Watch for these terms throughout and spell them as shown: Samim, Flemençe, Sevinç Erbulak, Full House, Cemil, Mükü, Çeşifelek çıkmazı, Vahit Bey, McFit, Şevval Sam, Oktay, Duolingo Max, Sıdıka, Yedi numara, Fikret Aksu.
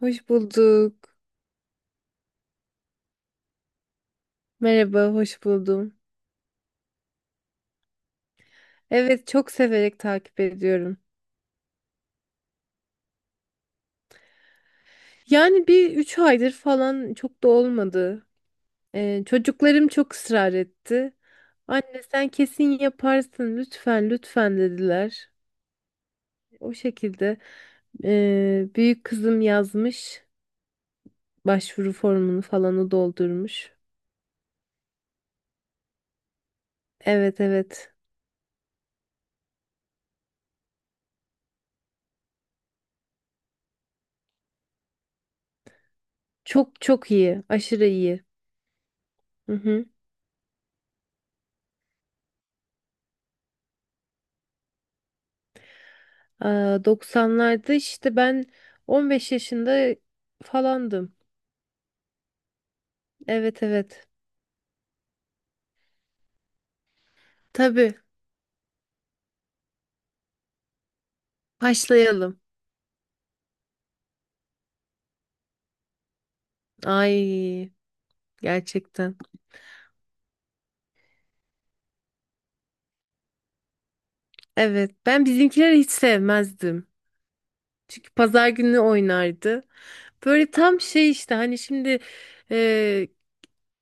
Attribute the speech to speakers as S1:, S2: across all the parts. S1: Hoş bulduk. Merhaba, hoş buldum. Evet, çok severek takip ediyorum. Yani bir üç aydır falan çok da olmadı. Çocuklarım çok ısrar etti. Anne sen kesin yaparsın lütfen lütfen dediler. O şekilde büyük kızım yazmış başvuru formunu falanı doldurmuş. Evet evet çok çok iyi aşırı iyi. Hı hı. Aa, 90'larda işte ben 15 yaşında falandım. Evet evet. Tabii. Başlayalım. Ay gerçekten. Evet. Ben bizimkileri hiç sevmezdim. Çünkü pazar günü oynardı. Böyle tam şey işte hani şimdi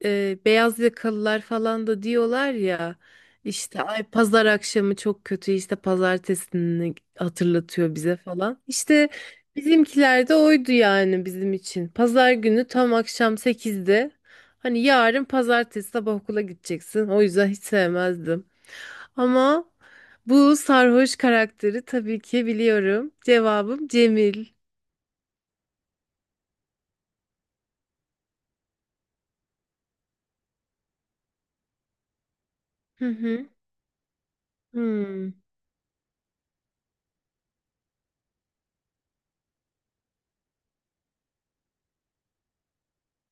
S1: beyaz yakalılar falan da diyorlar ya işte ay pazar akşamı çok kötü işte pazartesini hatırlatıyor bize falan. İşte bizimkiler de oydu yani bizim için. Pazar günü tam akşam sekizde hani yarın pazartesi sabah okula gideceksin. O yüzden hiç sevmezdim. Ama bu sarhoş karakteri tabii ki biliyorum. Cevabım Cemil. Hı hı. Hmm.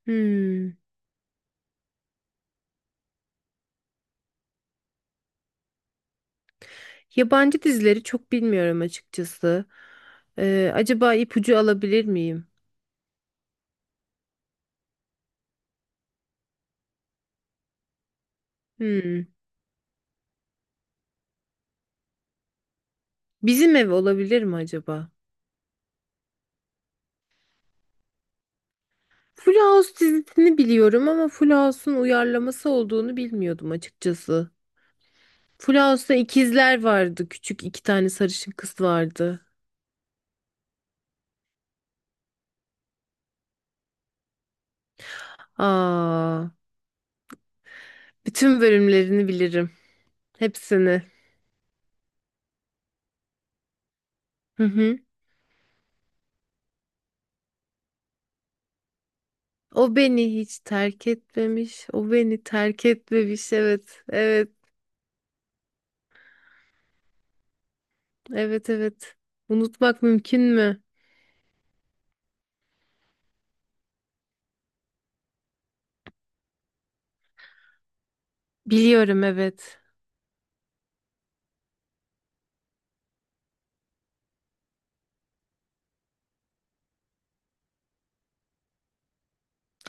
S1: Hmm. Yabancı dizileri çok bilmiyorum açıkçası. Acaba ipucu alabilir miyim? Hmm. Bizim Ev olabilir mi acaba? Full House dizisini biliyorum ama Full House'un uyarlaması olduğunu bilmiyordum açıkçası. Full House'ta ikizler vardı. Küçük iki tane sarışın kız vardı. Aa, bütün bölümlerini bilirim. Hepsini. Hı hı. O beni hiç terk etmemiş. O beni terk etmemiş. Evet. Evet. Evet. Evet. Unutmak mümkün mü? Biliyorum evet.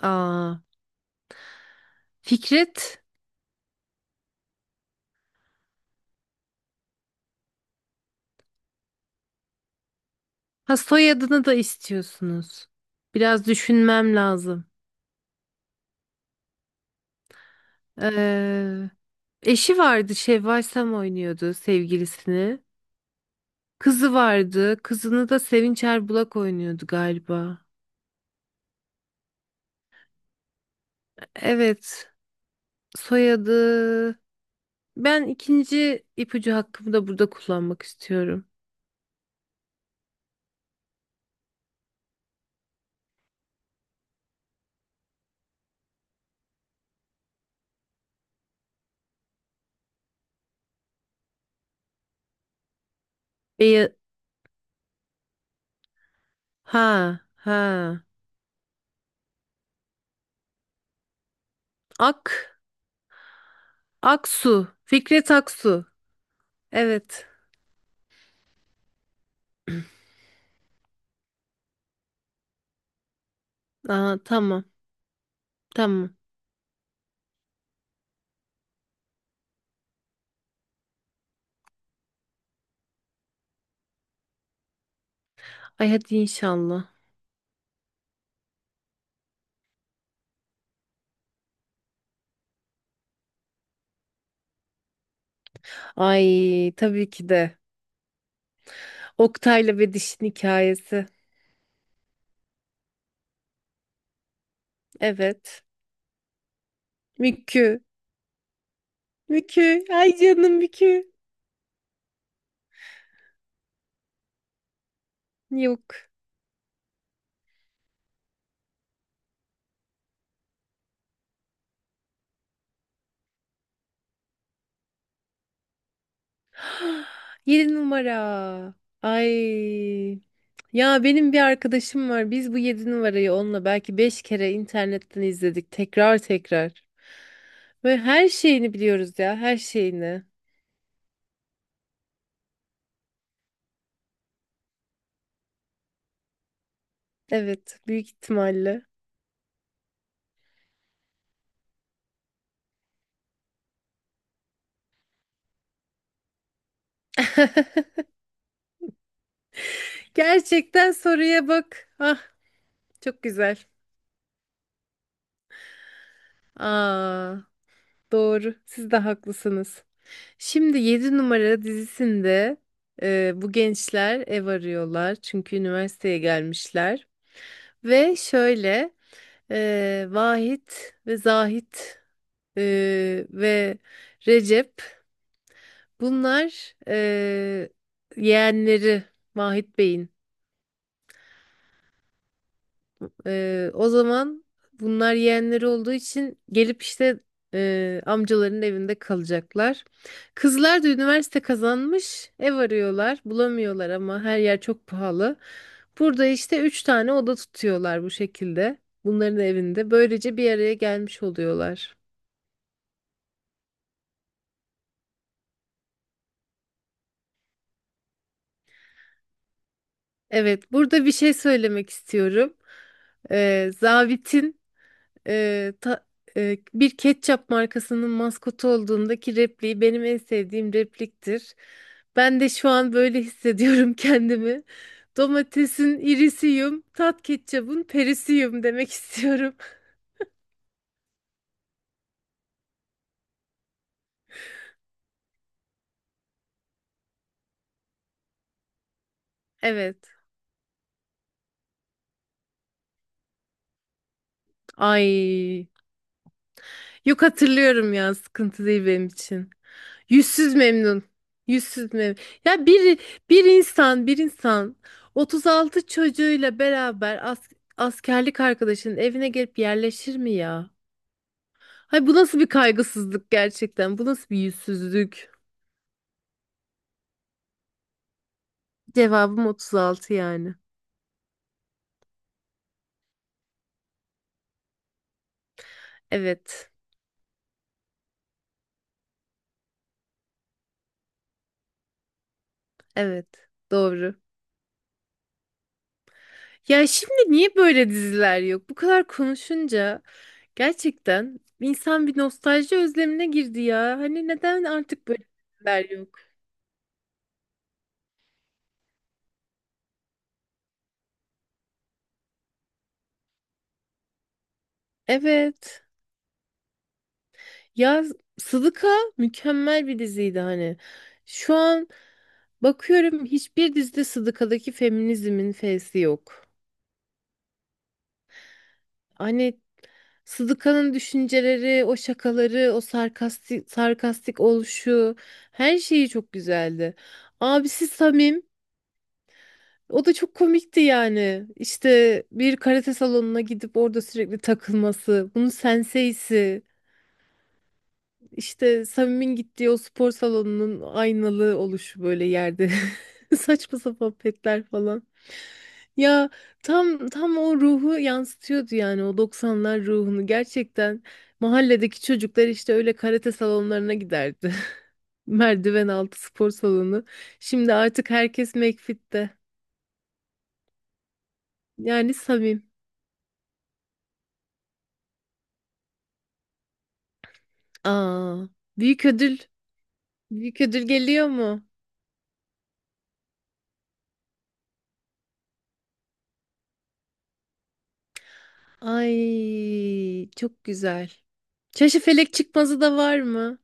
S1: Aa, Fikret, ha soyadını da istiyorsunuz. Biraz düşünmem lazım. Ee, eşi vardı, Şevval Sam oynuyordu sevgilisini. Kızı vardı, kızını da Sevinç Erbulak oynuyordu galiba. Evet, soyadı. Ben ikinci ipucu hakkımı da burada kullanmak istiyorum. Beya- ha, ha. Ak, Aksu, Fikret Aksu. Evet. Aa, tamam. Tamam. Ay hadi inşallah. Ay tabii ki de. Oktay'la ve dişin hikayesi. Evet. Mükü. Mükü. Ay canım Mükü. Yok. Yedi numara. Ay. Ya benim bir arkadaşım var. Biz bu yedi numarayı onunla belki beş kere internetten izledik. Tekrar tekrar. Ve her şeyini biliyoruz ya. Her şeyini. Evet. Büyük ihtimalle. Gerçekten soruya bak. Ah çok güzel. Aa, doğru. Siz de haklısınız. Şimdi yedi numara dizisinde bu gençler ev arıyorlar. Çünkü üniversiteye gelmişler. Ve şöyle Vahit ve Zahit ve Recep bunlar yeğenleri Vahit Bey'in. O zaman bunlar yeğenleri olduğu için gelip işte amcaların evinde kalacaklar. Kızlar da üniversite kazanmış, ev arıyorlar, bulamıyorlar ama her yer çok pahalı. Burada işte üç tane oda tutuyorlar bu şekilde. Bunların evinde. Böylece bir araya gelmiş oluyorlar. Evet, burada bir şey söylemek istiyorum. Zabitin e, ta- bir ketçap markasının maskotu olduğundaki repliği benim en sevdiğim repliktir. Ben de şu an böyle hissediyorum kendimi. Domatesin irisiyim, tat ketçabın perisiyim demek istiyorum. Evet. Ay. Yok hatırlıyorum ya sıkıntı değil benim için. Yüzsüz memnun. Yüzsüz memnun. Ya bir insan 36 çocuğuyla beraber askerlik arkadaşının evine gelip yerleşir mi ya? Hay bu nasıl bir kaygısızlık gerçekten? Bu nasıl bir yüzsüzlük? Cevabım 36 yani. Evet. Evet. Doğru. Ya şimdi niye böyle diziler yok? Bu kadar konuşunca gerçekten insan bir nostalji özlemine girdi ya. Hani neden artık böyle diziler yok? Evet. Ya Sıdıka mükemmel bir diziydi hani. Şu an bakıyorum hiçbir dizide Sıdıka'daki feminizmin fesi yok. Hani Sıdıka'nın düşünceleri, o şakaları, o sarkastik, sarkastik oluşu her şeyi çok güzeldi. Abisi Samim. O da çok komikti yani. İşte bir karate salonuna gidip orada sürekli takılması, bunun senseisi, işte Samim'in gittiği o spor salonunun aynalı oluşu böyle yerde. Saçma sapan petler falan. Ya tam tam o ruhu yansıtıyordu yani o doksanlar ruhunu gerçekten. Mahalledeki çocuklar işte öyle karate salonlarına giderdi. Merdiven altı spor salonu. Şimdi artık herkes McFit'te. Yani Samim. Aa, büyük ödül. Büyük ödül geliyor mu? Ay, çok güzel. Çeşifelek çıkmazı da var mı?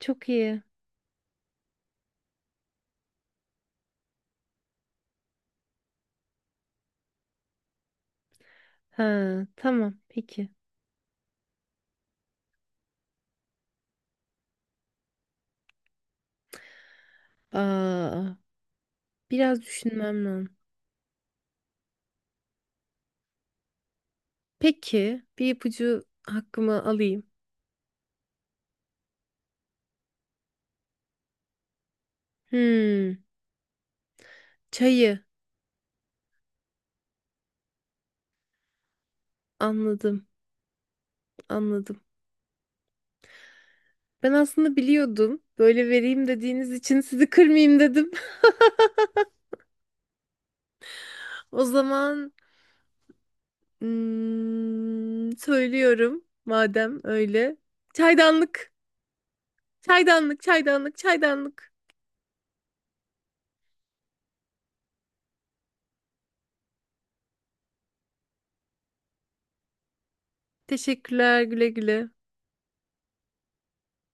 S1: Çok iyi. Ha, tamam, peki. Aa, biraz düşünmem lazım. Peki, bir ipucu hakkımı alayım. Hmm, çayı. Anladım, anladım. Ben aslında biliyordum. Böyle vereyim dediğiniz için sizi kırmayayım dedim. O zaman söylüyorum madem öyle. Çaydanlık, çaydanlık, çaydanlık, çaydanlık. Teşekkürler güle güle.